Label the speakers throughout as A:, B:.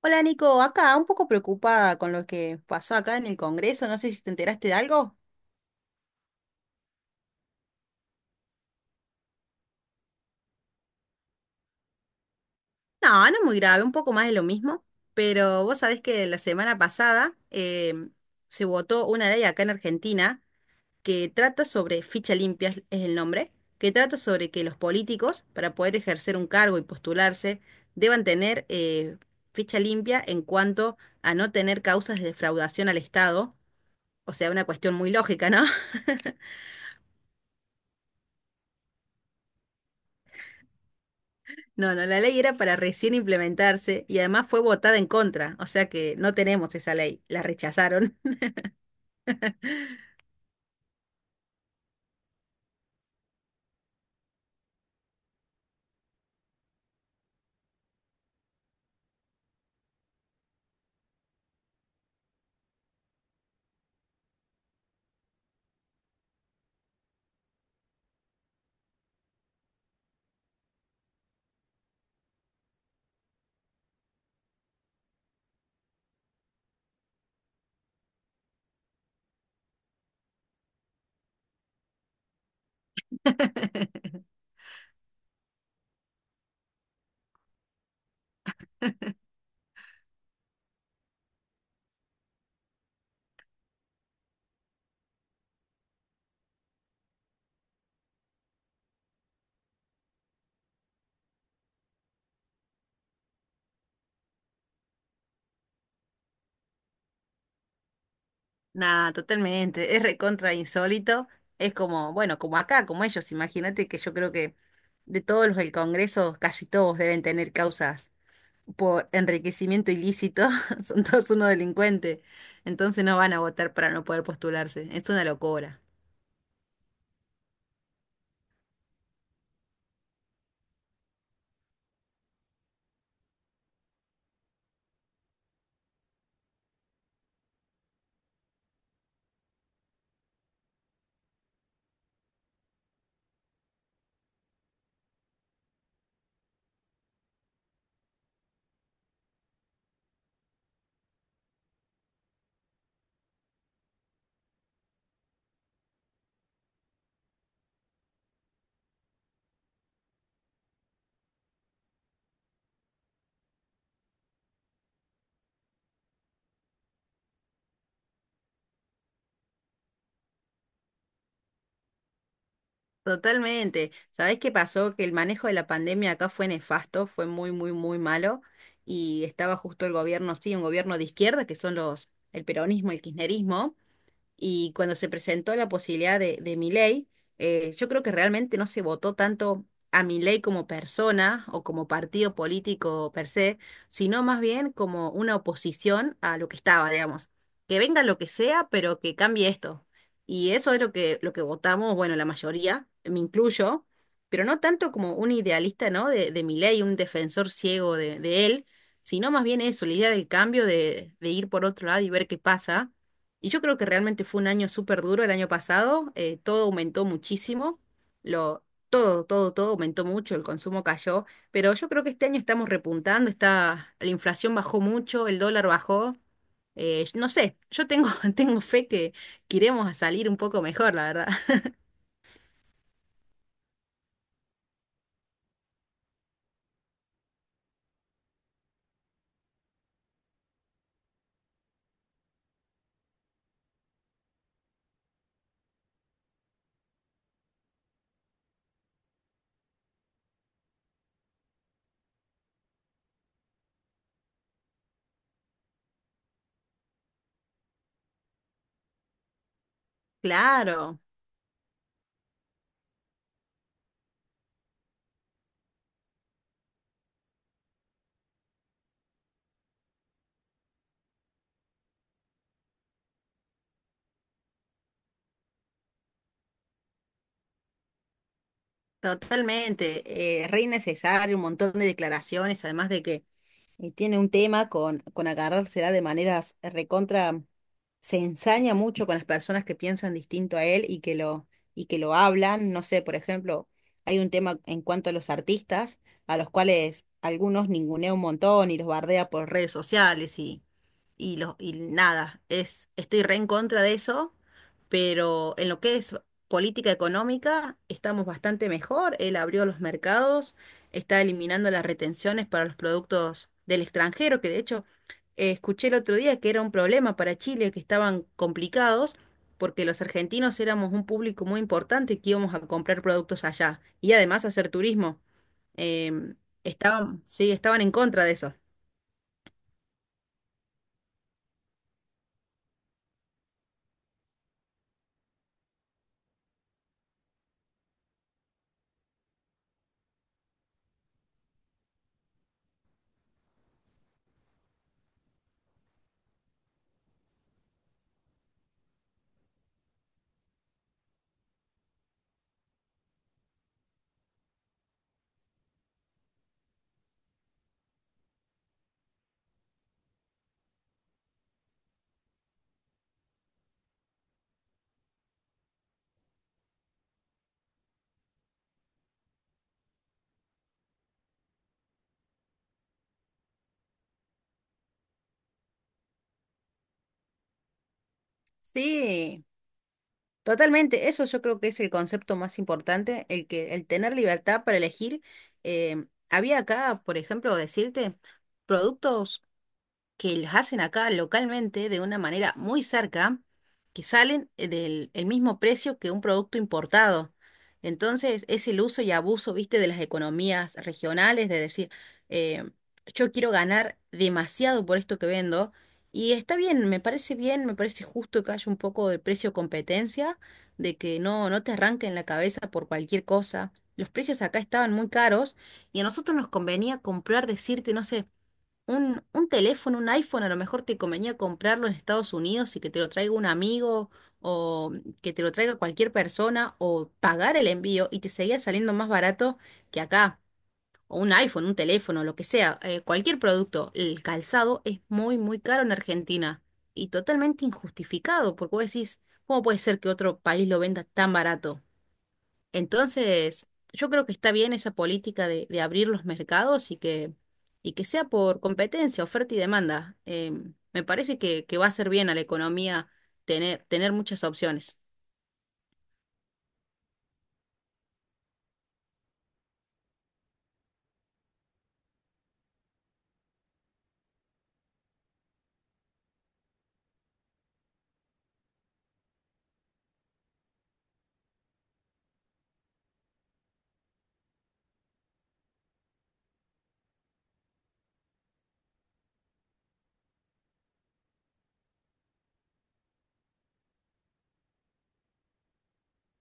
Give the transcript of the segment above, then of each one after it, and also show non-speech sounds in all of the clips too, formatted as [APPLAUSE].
A: Hola Nico, acá un poco preocupada con lo que pasó acá en el Congreso, no sé si te enteraste de algo. No, no es muy grave, un poco más de lo mismo, pero vos sabés que la semana pasada se votó una ley acá en Argentina que trata sobre, ficha limpia es el nombre, que trata sobre que los políticos, para poder ejercer un cargo y postularse, deban tener ficha limpia en cuanto a no tener causas de defraudación al Estado, o sea, una cuestión muy lógica, ¿no? [LAUGHS] No, no, la ley era para recién implementarse y además fue votada en contra, o sea que no tenemos esa ley, la rechazaron. [LAUGHS] Nada, totalmente, es recontra insólito, es como, bueno, como acá, como ellos, imagínate que yo creo que de todos los del Congreso, casi todos deben tener causas por enriquecimiento ilícito, [LAUGHS] son todos unos delincuentes, entonces no van a votar para no poder postularse, es una locura. Totalmente. ¿Sabés qué pasó? Que el manejo de la pandemia acá fue nefasto, fue muy, muy, muy malo. Y estaba justo el gobierno, sí, un gobierno de izquierda, que son los, el peronismo, el kirchnerismo y cuando se presentó la posibilidad de Milei, yo creo que realmente no se votó tanto a Milei como persona o como partido político per se, sino más bien como una oposición a lo que estaba, digamos. Que venga lo que sea, pero que cambie esto. Y eso es lo que votamos, bueno, la mayoría, me incluyo, pero no tanto como un idealista, ¿no? De Milei, un defensor ciego de él, sino más bien eso, la idea del cambio, de ir por otro lado y ver qué pasa. Y yo creo que realmente fue un año súper duro el año pasado, todo aumentó muchísimo, lo, todo aumentó mucho, el consumo cayó, pero yo creo que este año estamos repuntando, está, la inflación bajó mucho, el dólar bajó, no sé, yo tengo, [LAUGHS] tengo fe que iremos a salir un poco mejor, la verdad. [LAUGHS] Claro, totalmente, re necesario, un montón de declaraciones, además de que y tiene un tema con agarrársela de maneras recontra, se ensaña mucho con las personas que piensan distinto a él y que lo hablan. No sé, por ejemplo, hay un tema en cuanto a los artistas, a los cuales algunos ningunea un montón y los bardea por redes sociales y, lo- y nada, es, estoy re en contra de eso, pero en lo que es política económica estamos bastante mejor. Él abrió los mercados, está eliminando las retenciones para los productos del extranjero, que de hecho escuché el otro día que era un problema para Chile, que estaban complicados. Porque los argentinos éramos un público muy importante que íbamos a comprar productos allá y además hacer turismo. Em, estaban, sí, estaban en contra de eso. Sí, totalmente, eso yo creo que es el concepto más importante, el que el tener libertad para elegir. Había acá, por ejemplo, decirte productos que las hacen acá localmente de una manera muy cerca, que salen del el mismo precio que un producto importado. Entonces, es el uso y abuso, viste, de las economías regionales, de decir, eh, yo quiero ganar demasiado por esto que vendo. Y está bien, me parece justo que haya un poco de precio competencia, de que no, no te arranquen la cabeza por cualquier cosa. Los precios acá estaban muy caros y a nosotros nos convenía comprar, decirte, no sé, un teléfono, un iPhone, a lo mejor te convenía comprarlo en Estados Unidos y que te lo traiga un amigo o que te lo traiga cualquier persona o pagar el envío y te seguía saliendo más barato que acá. O un iPhone, un teléfono, lo que sea, cualquier producto. El calzado es muy, muy caro en Argentina y totalmente injustificado porque vos decís, ¿cómo puede ser que otro país lo venda tan barato? Entonces, yo creo que está bien esa política de abrir los mercados y que sea por competencia, oferta y demanda. Me parece que va a hacer bien a la economía tener, tener muchas opciones.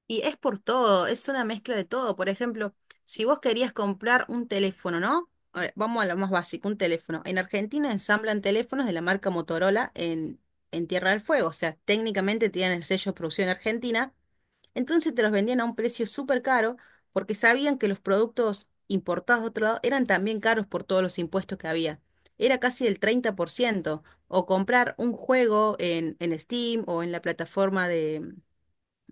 A: Y es por todo, es una mezcla de todo. Por ejemplo, si vos querías comprar un teléfono, ¿no? A ver, vamos a lo más básico, un teléfono. En Argentina ensamblan teléfonos de la marca Motorola en Tierra del Fuego. O sea, técnicamente tienen el sello de producción argentina. Entonces te los vendían a un precio súper caro porque sabían que los productos importados de otro lado eran también caros por todos los impuestos que había. Era casi del 30%. O comprar un juego en Steam o en la plataforma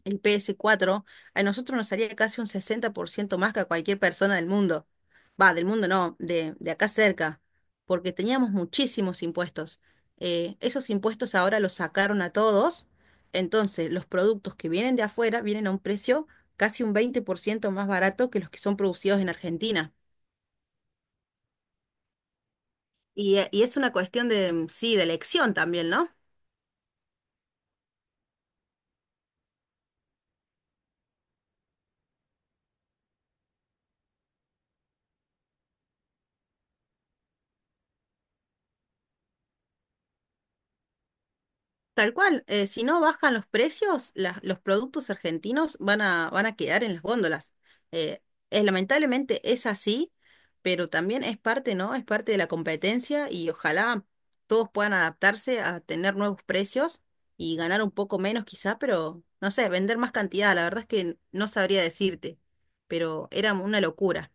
A: el PS4 a nosotros nos salía casi un 60% más que a cualquier persona del mundo. Va, del mundo no, de acá cerca, porque teníamos muchísimos impuestos. Esos impuestos ahora los sacaron a todos, entonces los productos que vienen de afuera vienen a un precio casi un 20% más barato que los que son producidos en Argentina. Y es una cuestión de, mm, sí, de elección también, no. Tal cual, si no bajan los precios, las- los productos argentinos van a, van a quedar en las góndolas. Eh, lamentablemente es así, pero también es parte, ¿no? Es parte de la competencia y ojalá todos puedan adaptarse a tener nuevos precios y ganar un poco menos quizá, pero no sé, vender más cantidad. La verdad es que no sabría decirte, pero era una locura.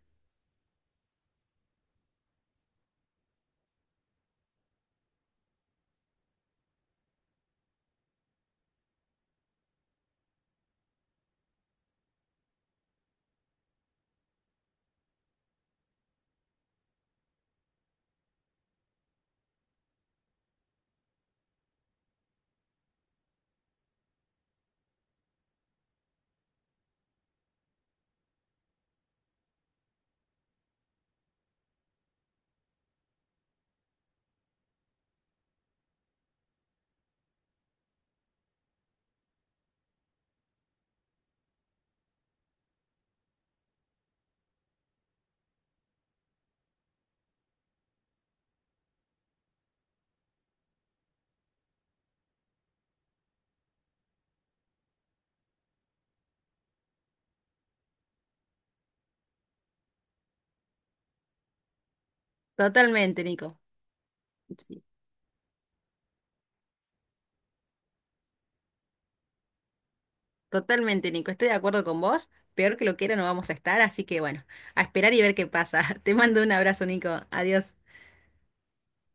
A: Totalmente, Nico. Sí. Totalmente, Nico, estoy de acuerdo con vos. Peor que lo quiera no vamos a estar, así que bueno, a esperar y ver qué pasa. [LAUGHS] Te mando un abrazo, Nico. Adiós.